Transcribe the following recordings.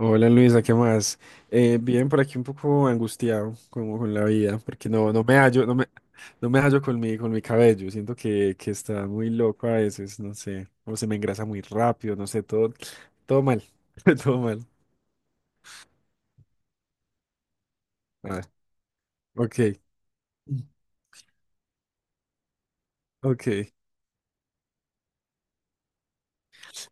Hola Luisa, ¿qué más? Bien, por aquí un poco angustiado como con la vida, porque no me hallo, no me hallo con mi cabello. Siento que está muy loco a veces, no sé, o se me engrasa muy rápido, no sé, todo mal, todo mal. Ah, ok, ok,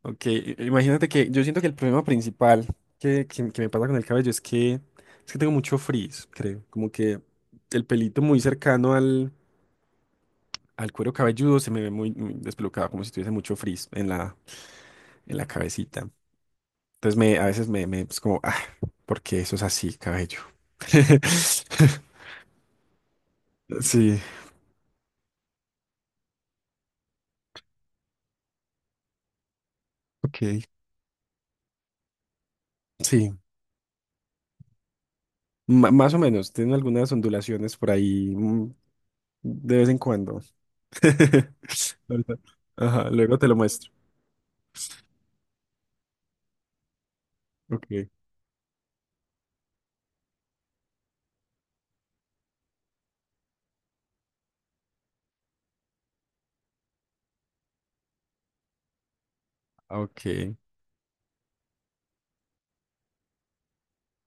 ok. Imagínate que yo siento que el problema principal que me pasa con el cabello es que tengo mucho frizz, creo, como que el pelito muy cercano al cuero cabelludo se me ve muy despelucado, como si tuviese mucho frizz en la cabecita. Entonces a veces me es como, ah, ¿por qué eso es así, cabello? Sí, ok, sí, más o menos, tienen algunas ondulaciones por ahí de vez en cuando. Ahorita- Ajá, luego te lo muestro. Ok, ah, ok,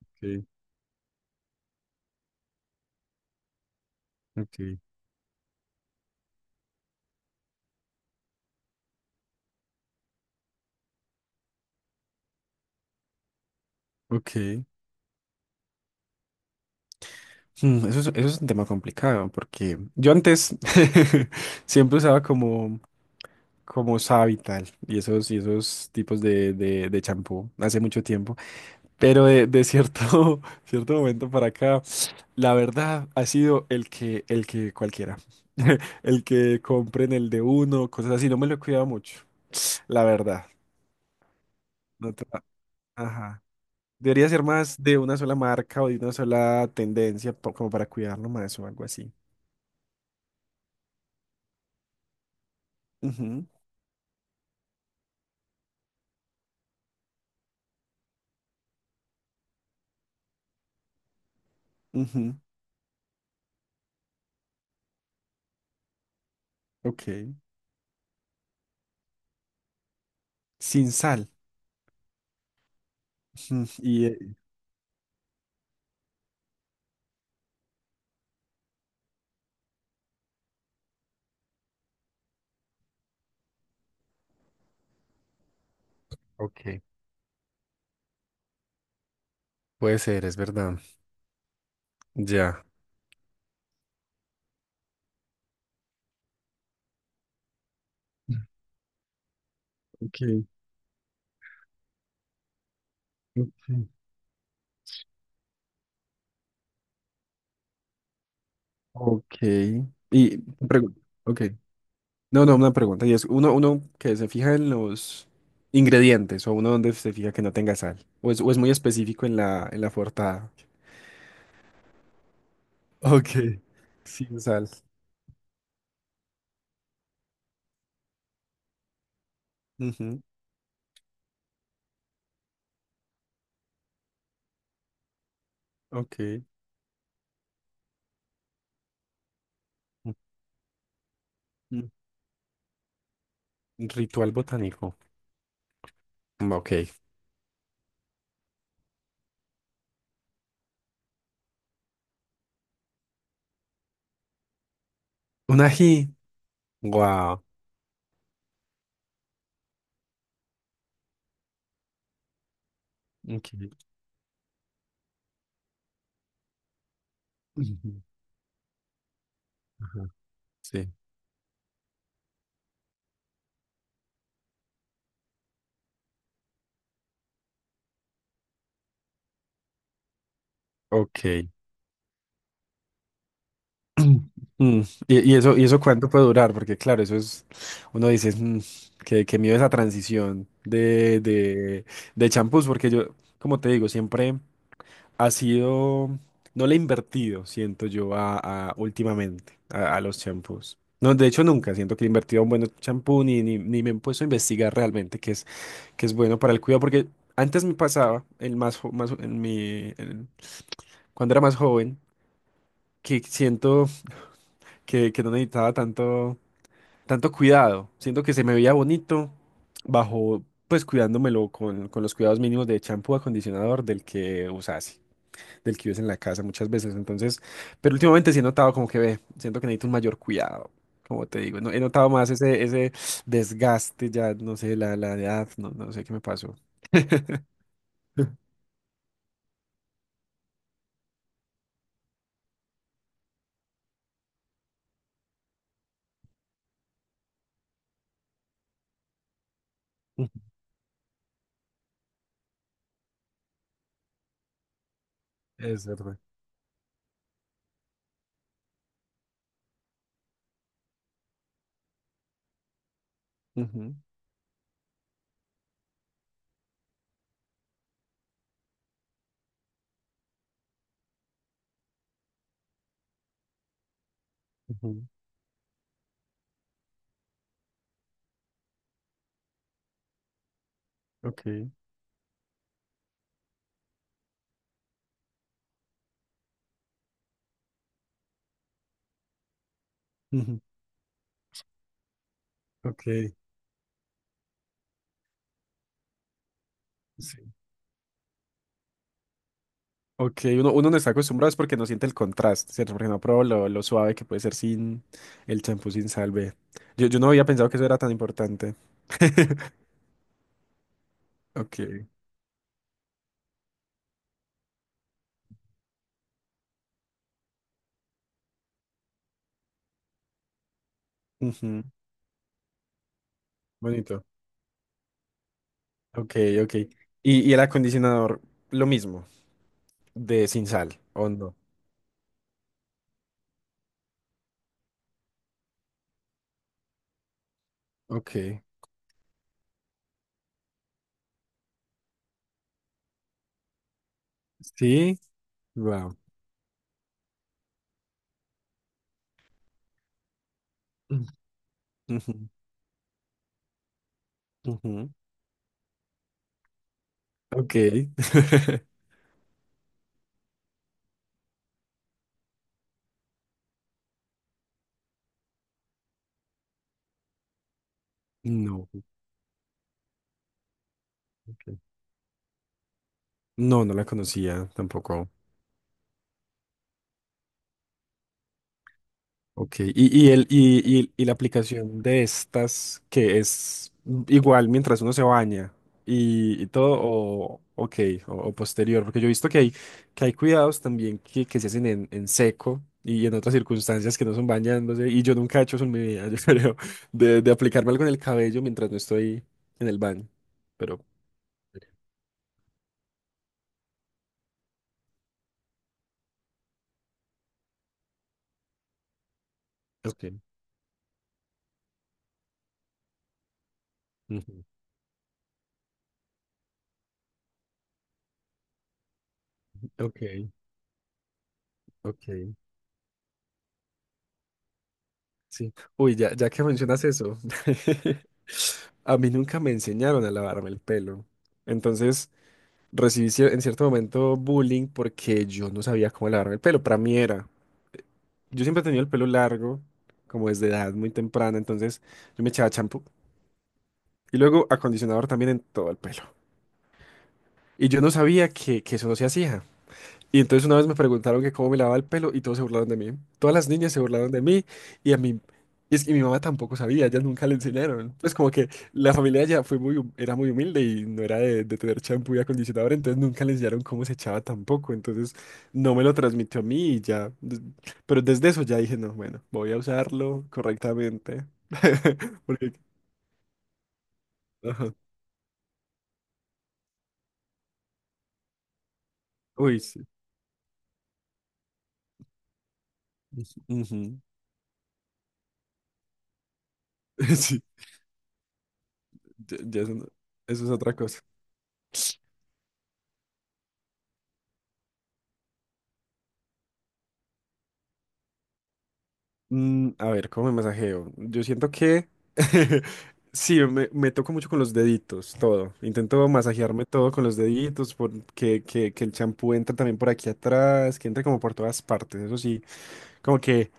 ok, ok, ok. Eso es un tema complicado porque yo antes siempre usaba como Savital y esos tipos de champú hace mucho tiempo. Pero de cierto, cierto momento para acá, la verdad ha sido el que cualquiera. El que compren el de uno, cosas así. No me lo he cuidado mucho, la verdad. No te- Ajá. Debería ser más de una sola marca o de una sola tendencia, como para cuidarlo más o algo así. Ujú, ujú, ok. Sin sal. Ujú. Ok. Puede ser, es verdad. Ya. Okay, okay, ok. Y pregu- ok. No, no, una pregunta. Y es uno, uno que se fija en los ingredientes o uno donde se fija que no tenga sal. O es muy específico en la portada. Ok, sí, sin sal. Ujú, ok. Mm, mm, ritual botánico. Mm, ok. Un ají. Wow. Ok. Ujú, ajá, sí. Ok. Mm, y eso, y eso cuánto puede durar? Porque claro, eso es, uno dice, "Mm, qué, qué miedo esa transición de champús, porque yo, como te digo, siempre ha sido, no le he invertido, siento yo, últimamente a los champús. No, de hecho nunca siento que he invertido a un buen champú ni me he puesto a investigar realmente qué es bueno para el cuidado, porque antes me pasaba, el más, más en cuando era más joven, que siento que no necesitaba tanto. Tanto cuidado. Siento que se me veía bonito bajo, pues cuidándomelo con los cuidados mínimos de champú, acondicionador del que usase, del que usé en la casa muchas veces. Entonces, pero últimamente sí he notado como que ve, siento que necesito un mayor cuidado. Como te digo, no, he notado más ese desgaste ya, no sé, la edad, no, no sé qué me pasó. Es verdad. Ujú, ujú. Ok. Ujú, ok. Sí. Ok, uno, uno no está acostumbrado es porque no siente el contraste, ¿cierto? Porque no prueba lo suave que puede ser sin el champú sin salve. Yo no había pensado que eso era tan importante. Ok, ujú, bonito. Ok, ok. Y el acondicionador, lo mismo, de sin sal, ¿o no? Ok. Sí, wow. Ujú, ujú. Ok. No, ok, no, no la conocía tampoco. Ok, y la aplicación de estas que es igual mientras uno se baña y todo, o, ok, o posterior, porque yo he visto que hay cuidados también que se hacen en seco y en otras circunstancias que no son bañándose, y yo nunca he hecho eso en mi vida, yo creo, de aplicarme algo en el cabello mientras no estoy en el baño, pero... Ok, ujú, ok, ok, sí. Uy, ya que mencionas eso, a mí nunca me enseñaron a lavarme el pelo. Entonces recibí en cierto momento bullying porque yo no sabía cómo lavarme el pelo. Para mí era. Yo siempre he tenido el pelo largo, como desde edad muy temprana. Entonces yo me echaba champú y luego acondicionador también en todo el pelo. Y yo no sabía que eso no se hacía. Y entonces una vez me preguntaron que cómo me lavaba el pelo y todos se burlaron de mí. Todas las niñas se burlaron de mí y a mí... Y es que mi mamá tampoco sabía, ellas nunca le enseñaron. Pues como que la familia ya fue muy, era muy humilde y no era de tener champú y acondicionador, entonces nunca le enseñaron cómo se echaba tampoco. Entonces no me lo transmitió a mí y ya. Pero desde eso ya dije, no, bueno, voy a usarlo correctamente. Porque, ajá. Uy, sí. Ujú. Sí, ya eso, eso es otra cosa. Mm, a ver, ¿cómo me masajeo? Yo siento que sí, me toco mucho con los deditos, todo. Intento masajearme todo con los deditos, porque que el champú entra también por aquí atrás, que entra como por todas partes. Eso sí, como que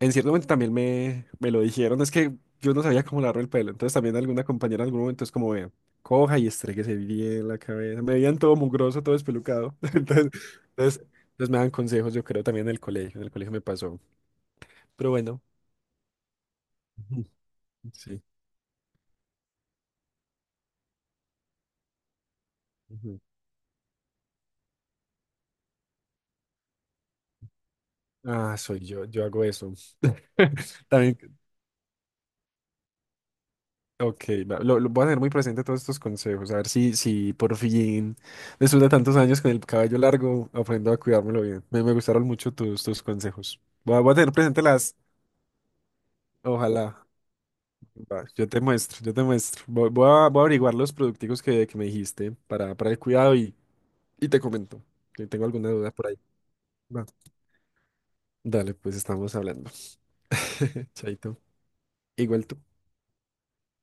en cierto momento también me lo dijeron. Es que yo no sabía cómo lavarme el pelo. Entonces también alguna compañera en algún momento es como, vea, coja y estréguese bien la cabeza. Me veían todo mugroso, todo espelucado. Entonces, entonces me dan consejos, yo creo, también en el colegio. En el colegio me pasó. Pero bueno. Sí. Ujú. Ah, soy yo, yo hago eso. También, ok, va, lo voy a tener muy presente todos estos consejos, a ver si por fin, después de tantos años con el cabello largo, aprendo a cuidármelo bien. Me gustaron mucho tus consejos. Voy a tener presente las, ojalá. Va, yo te muestro. Voy a averiguar los producticos que me dijiste para el cuidado y te comento, que tengo alguna duda por ahí. Va. Dale, pues estamos hablando. Chaito. Igual tú.